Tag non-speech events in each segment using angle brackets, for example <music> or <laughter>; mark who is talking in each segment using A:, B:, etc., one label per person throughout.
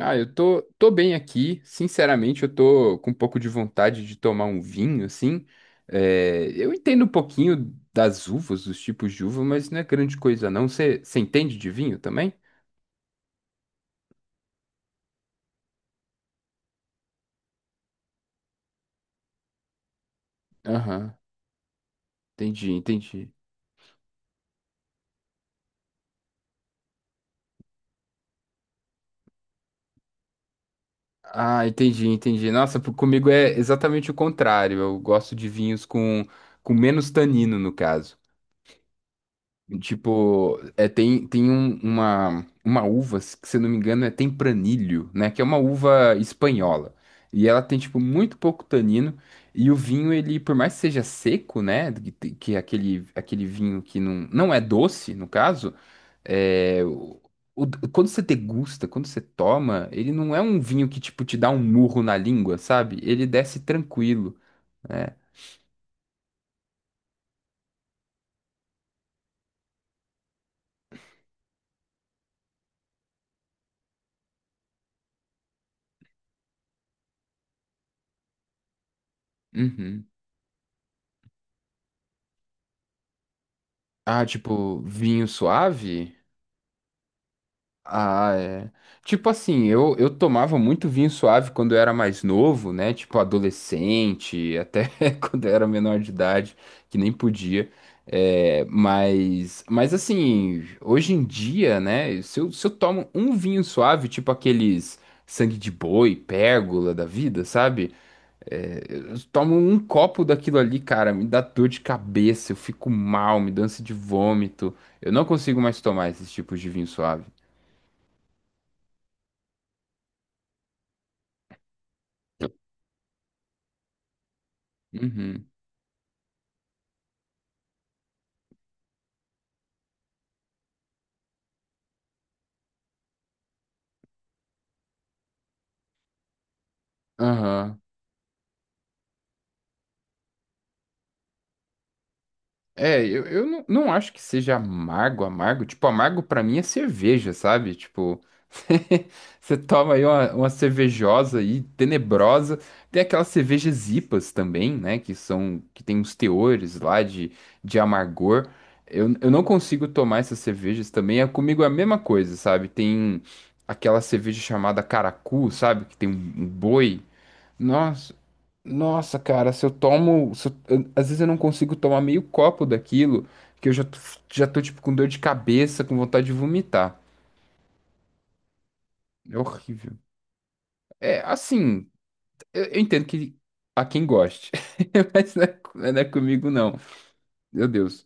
A: Ah, eu tô bem aqui. Sinceramente, eu tô com um pouco de vontade de tomar um vinho, assim. É, eu entendo um pouquinho das uvas, dos tipos de uva, mas não é grande coisa, não. Você entende de vinho também? Aham, entendi, entendi. Ah, entendi, entendi. Nossa, comigo é exatamente o contrário. Eu gosto de vinhos com menos tanino, no caso. Tipo, é, tem uma uva, se eu não me engano, é tempranilho, né? Que é uma uva espanhola. E ela tem, tipo, muito pouco tanino. E o vinho, ele, por mais que seja seco, né? Que, que é aquele vinho que não é doce, no caso, é, o- o- quando você degusta, quando você toma, ele não é um vinho que, tipo, te dá um murro na língua, sabe? Ele desce tranquilo, né? Uhum. Ah, tipo, vinho suave? Ah, é. Tipo assim, eu tomava muito vinho suave quando eu era mais novo, né? Tipo adolescente, até <laughs> quando eu era menor de idade, que nem podia. É, mas assim, hoje em dia, né? Se eu tomo um vinho suave, tipo aqueles sangue de boi, pérgola da vida, sabe? É, eu tomo um copo daquilo ali, cara, me dá dor de cabeça, eu fico mal, me dá ânsia de vômito. Eu não consigo mais tomar esses tipos de vinho suave. Uhum. Aham. É, eu não acho que seja amargo, amargo. Tipo, amargo pra mim é cerveja, sabe? Tipo, <laughs> você toma aí uma cervejosa aí, tenebrosa. Tem aquelas cervejas IPAs também, né? Que são, que tem uns teores lá de amargor. Eu não consigo tomar essas cervejas também. É comigo é a mesma coisa, sabe? Tem aquela cerveja chamada Caracu, sabe? Que tem um boi. Nossa, nossa, cara, se eu tomo, se eu- eu- às vezes eu não consigo tomar meio copo daquilo, que eu já tô tipo com dor de cabeça, com vontade de vomitar. É horrível. É, assim, eu entendo que há quem goste, <laughs> mas não é comigo não. Meu Deus.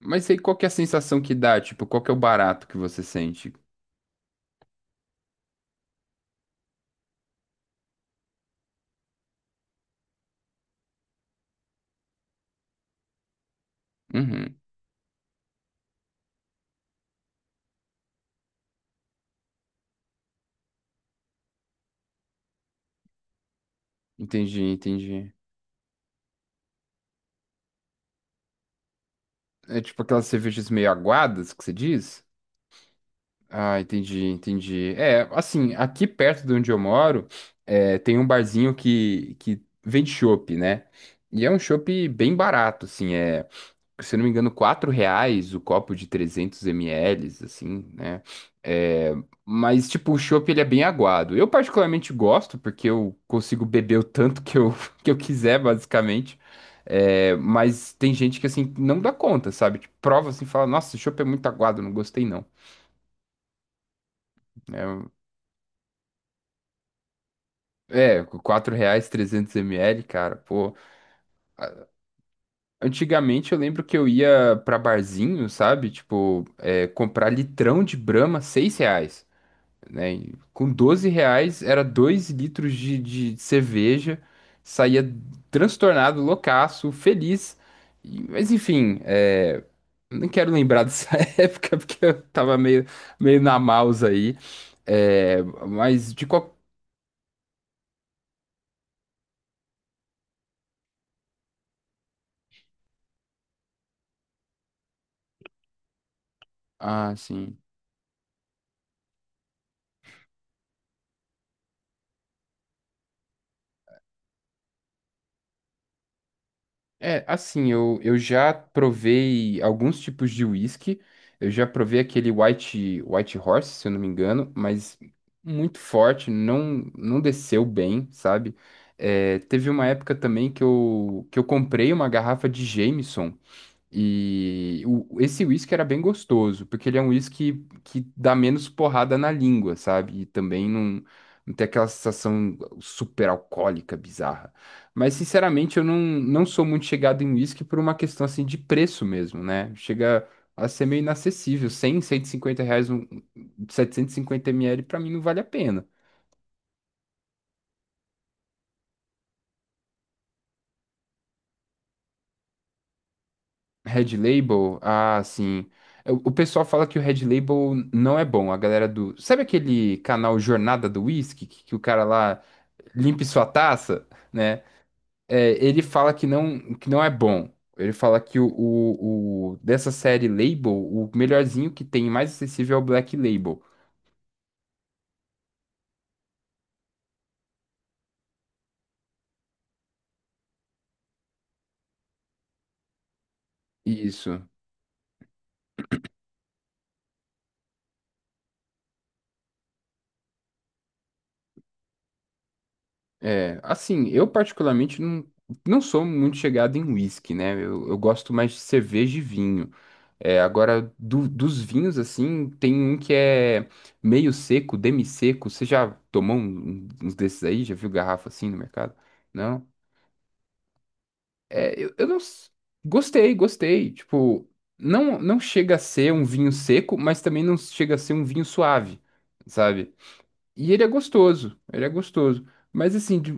A: Mas aí qual que é a sensação que dá? Tipo, qual que é o barato que você sente? Uhum, entendi, entendi. É tipo aquelas cervejas meio aguadas que você diz? Ah, entendi, entendi. É, assim, aqui perto de onde eu moro, tem um barzinho que vende chopp, né? E é um chopp bem barato, assim, se eu não me engano, R$ 4 o copo de 300 ml, assim, né? É, mas, tipo, o chopp, ele é bem aguado. Eu particularmente gosto, porque eu consigo beber o tanto que eu, <laughs> que eu quiser, basicamente. É, mas tem gente que, assim, não dá conta, sabe? Tipo, prova, assim, fala, nossa, esse chopp é muito aguado, não gostei, não. Né? É, R$ 4 300 ml, cara, pô. a- Antigamente eu lembro que eu ia pra barzinho, sabe? Tipo, é, comprar litrão de Brahma, R$ 6, né? E com R$ 12 era 2 litros de cerveja, saía transtornado, loucaço, feliz. Mas enfim, não quero lembrar dessa <laughs> época porque eu tava meio, meio na mouse aí. É, mas de qual. Ah, sim. É, assim, eu já provei alguns tipos de whisky. Eu já provei aquele White Horse, se eu não me engano, mas muito forte, não desceu bem, sabe? É, teve uma época também que eu comprei uma garrafa de Jameson. E esse whisky era bem gostoso, porque ele é um whisky que dá menos porrada na língua, sabe? E também não tem aquela sensação super alcoólica, bizarra. Mas, sinceramente, eu não sou muito chegado em whisky por uma questão assim de preço mesmo, né? Chega a ser meio inacessível. 100, R$ 150, um, 750 ml, pra mim não vale a pena. Red Label? Ah, sim. O pessoal fala que o Red Label não é bom. A galera do. Sabe aquele canal Jornada do Whisky? Que o cara lá limpe sua taça, né? É, ele fala que não é bom. Ele fala que dessa série Label, o melhorzinho que tem, mais acessível é o Black Label. Isso. É, assim, eu particularmente não sou muito chegado em whisky, né? Eu gosto mais de cerveja e vinho. É, agora, dos vinhos, assim, tem um que é meio seco, demi-seco. Você já tomou uns desses aí? Já viu garrafa assim no mercado? Não? É, eu não. Gostei, gostei. Tipo, não chega a ser um vinho seco, mas também não chega a ser um vinho suave, sabe? E ele é gostoso, ele é gostoso. Mas, assim,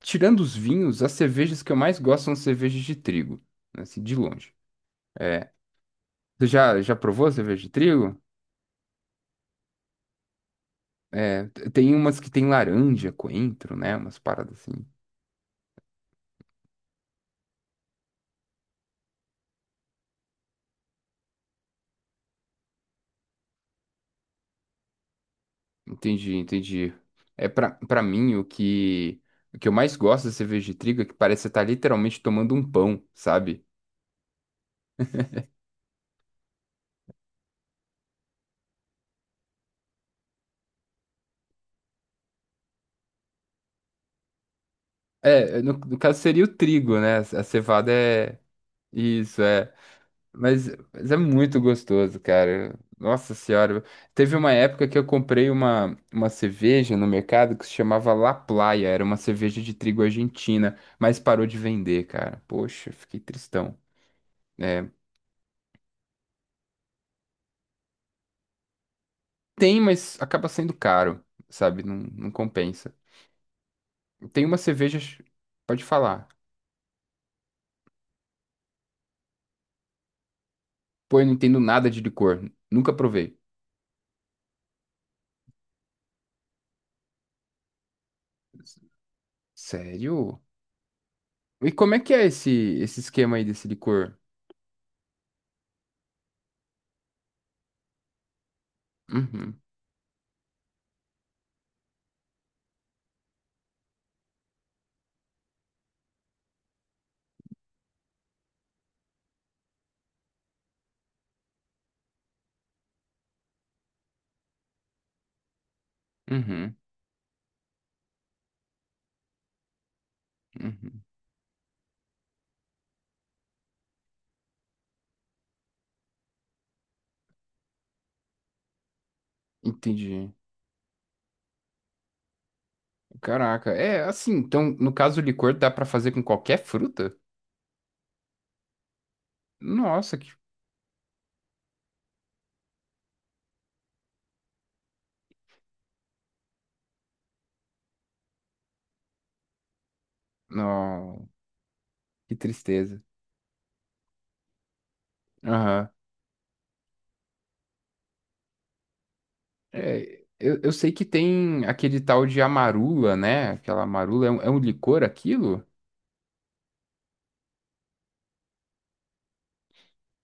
A: tirando os vinhos, as cervejas que eu mais gosto são cervejas de trigo, né, assim, de longe. É. Você já provou cerveja de trigo? É, tem umas que tem laranja, coentro, né? Umas paradas assim. Entendi, entendi. É pra mim o que eu mais gosto da cerveja de trigo é que parece que você tá literalmente tomando um pão, sabe? É, no caso seria o trigo, né? A cevada é isso, é. Mas, mas é muito gostoso, cara. Nossa senhora. Teve uma época que eu comprei uma cerveja no mercado que se chamava La Playa. Era uma cerveja de trigo argentina, mas parou de vender, cara. Poxa, fiquei tristão. É, tem, mas acaba sendo caro, sabe? Não compensa. Tem umas cervejas, pode falar. Pô, eu não entendo nada de licor. Nunca provei. Sério? E como é que é esse esquema aí desse licor? Uhum, uhum, uhum. Entendi. Caraca, é assim, então, no caso, o licor dá pra fazer com qualquer fruta? Nossa, que. Não, que tristeza. Aham. É, eu sei que tem aquele tal de amarula, né? Aquela amarula é um licor aquilo?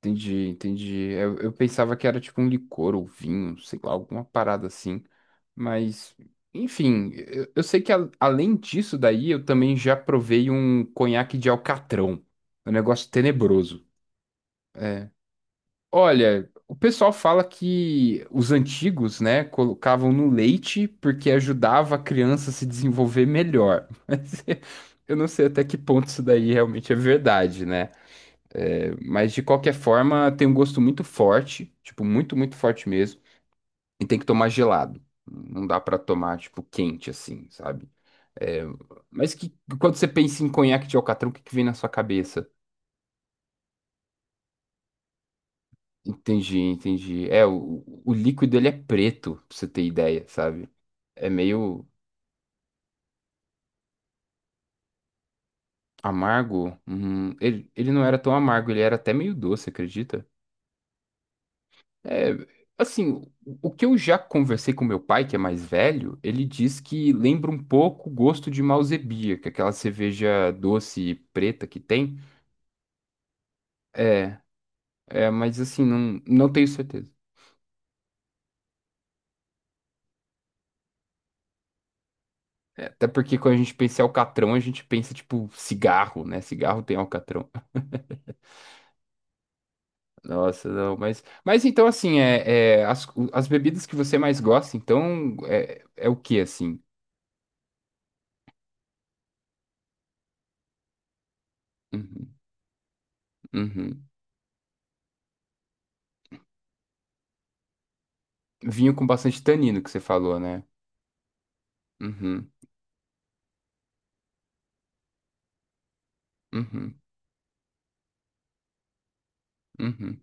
A: Entendi, entendi. Eu pensava que era tipo um licor ou vinho, sei lá, alguma parada assim. Mas, enfim, eu sei que além disso daí, eu também já provei um conhaque de alcatrão. É um negócio tenebroso. É. Olha, o pessoal fala que os antigos, né, colocavam no leite porque ajudava a criança a se desenvolver melhor. <laughs> Mas eu não sei até que ponto isso daí realmente é verdade, né? É, mas de qualquer forma, tem um gosto muito forte, tipo, muito, muito forte mesmo, e tem que tomar gelado. Não dá pra tomar, tipo, quente assim, sabe? É, mas que quando você pensa em conhaque de alcatrão, o que que vem na sua cabeça? Entendi, entendi. É, o líquido ele é preto, pra você ter ideia, sabe? É meio amargo. Ele não era tão amargo, ele era até meio doce, acredita? É, assim, o que eu já conversei com meu pai, que é mais velho, ele diz que lembra um pouco o gosto de Malzebia, que é aquela cerveja doce e preta que tem. É, mas assim, não tenho certeza. É, até porque quando a gente pensa em alcatrão, a gente pensa, tipo, cigarro, né? Cigarro tem alcatrão. Nossa, não, mas então assim, as bebidas que você mais gosta, então é o que assim? Uhum, uhum. Vinho com bastante tanino que você falou, né? Uhum, uhum, uhum,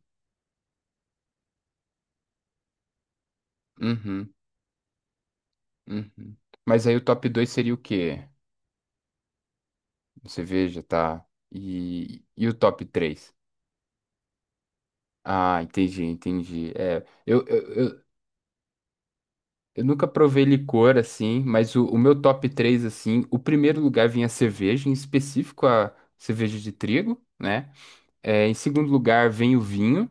A: uhum, uhum. Mas aí o top 2 seria o quê? Cerveja, tá? E o top três. Ah, entendi, entendi. Eu nunca provei licor assim, mas o meu top 3 assim, o primeiro lugar vinha a cerveja, em específico a cerveja de trigo, né? É, em segundo lugar vem o vinho,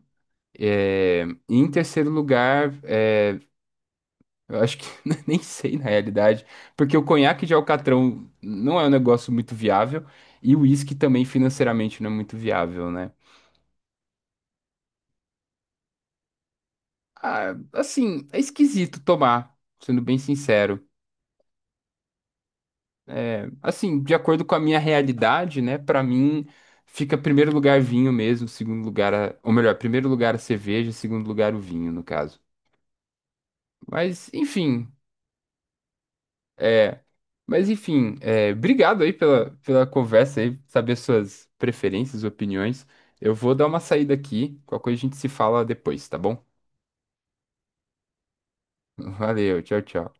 A: e em terceiro lugar, eu acho que <laughs> nem sei na realidade, porque o conhaque de Alcatrão não é um negócio muito viável e o uísque também financeiramente não é muito viável, né? Ah, assim, é esquisito tomar, sendo bem sincero. É, assim, de acordo com a minha realidade, né? Pra mim, fica primeiro lugar vinho mesmo, segundo lugar, ou melhor, primeiro lugar a cerveja, segundo lugar o vinho, no caso. Mas, enfim, é, mas, enfim, obrigado aí pela conversa aí, saber suas preferências, opiniões. Eu vou dar uma saída aqui, qualquer coisa a gente se fala depois, tá bom? <laughs> Valeu, tchau, tchau.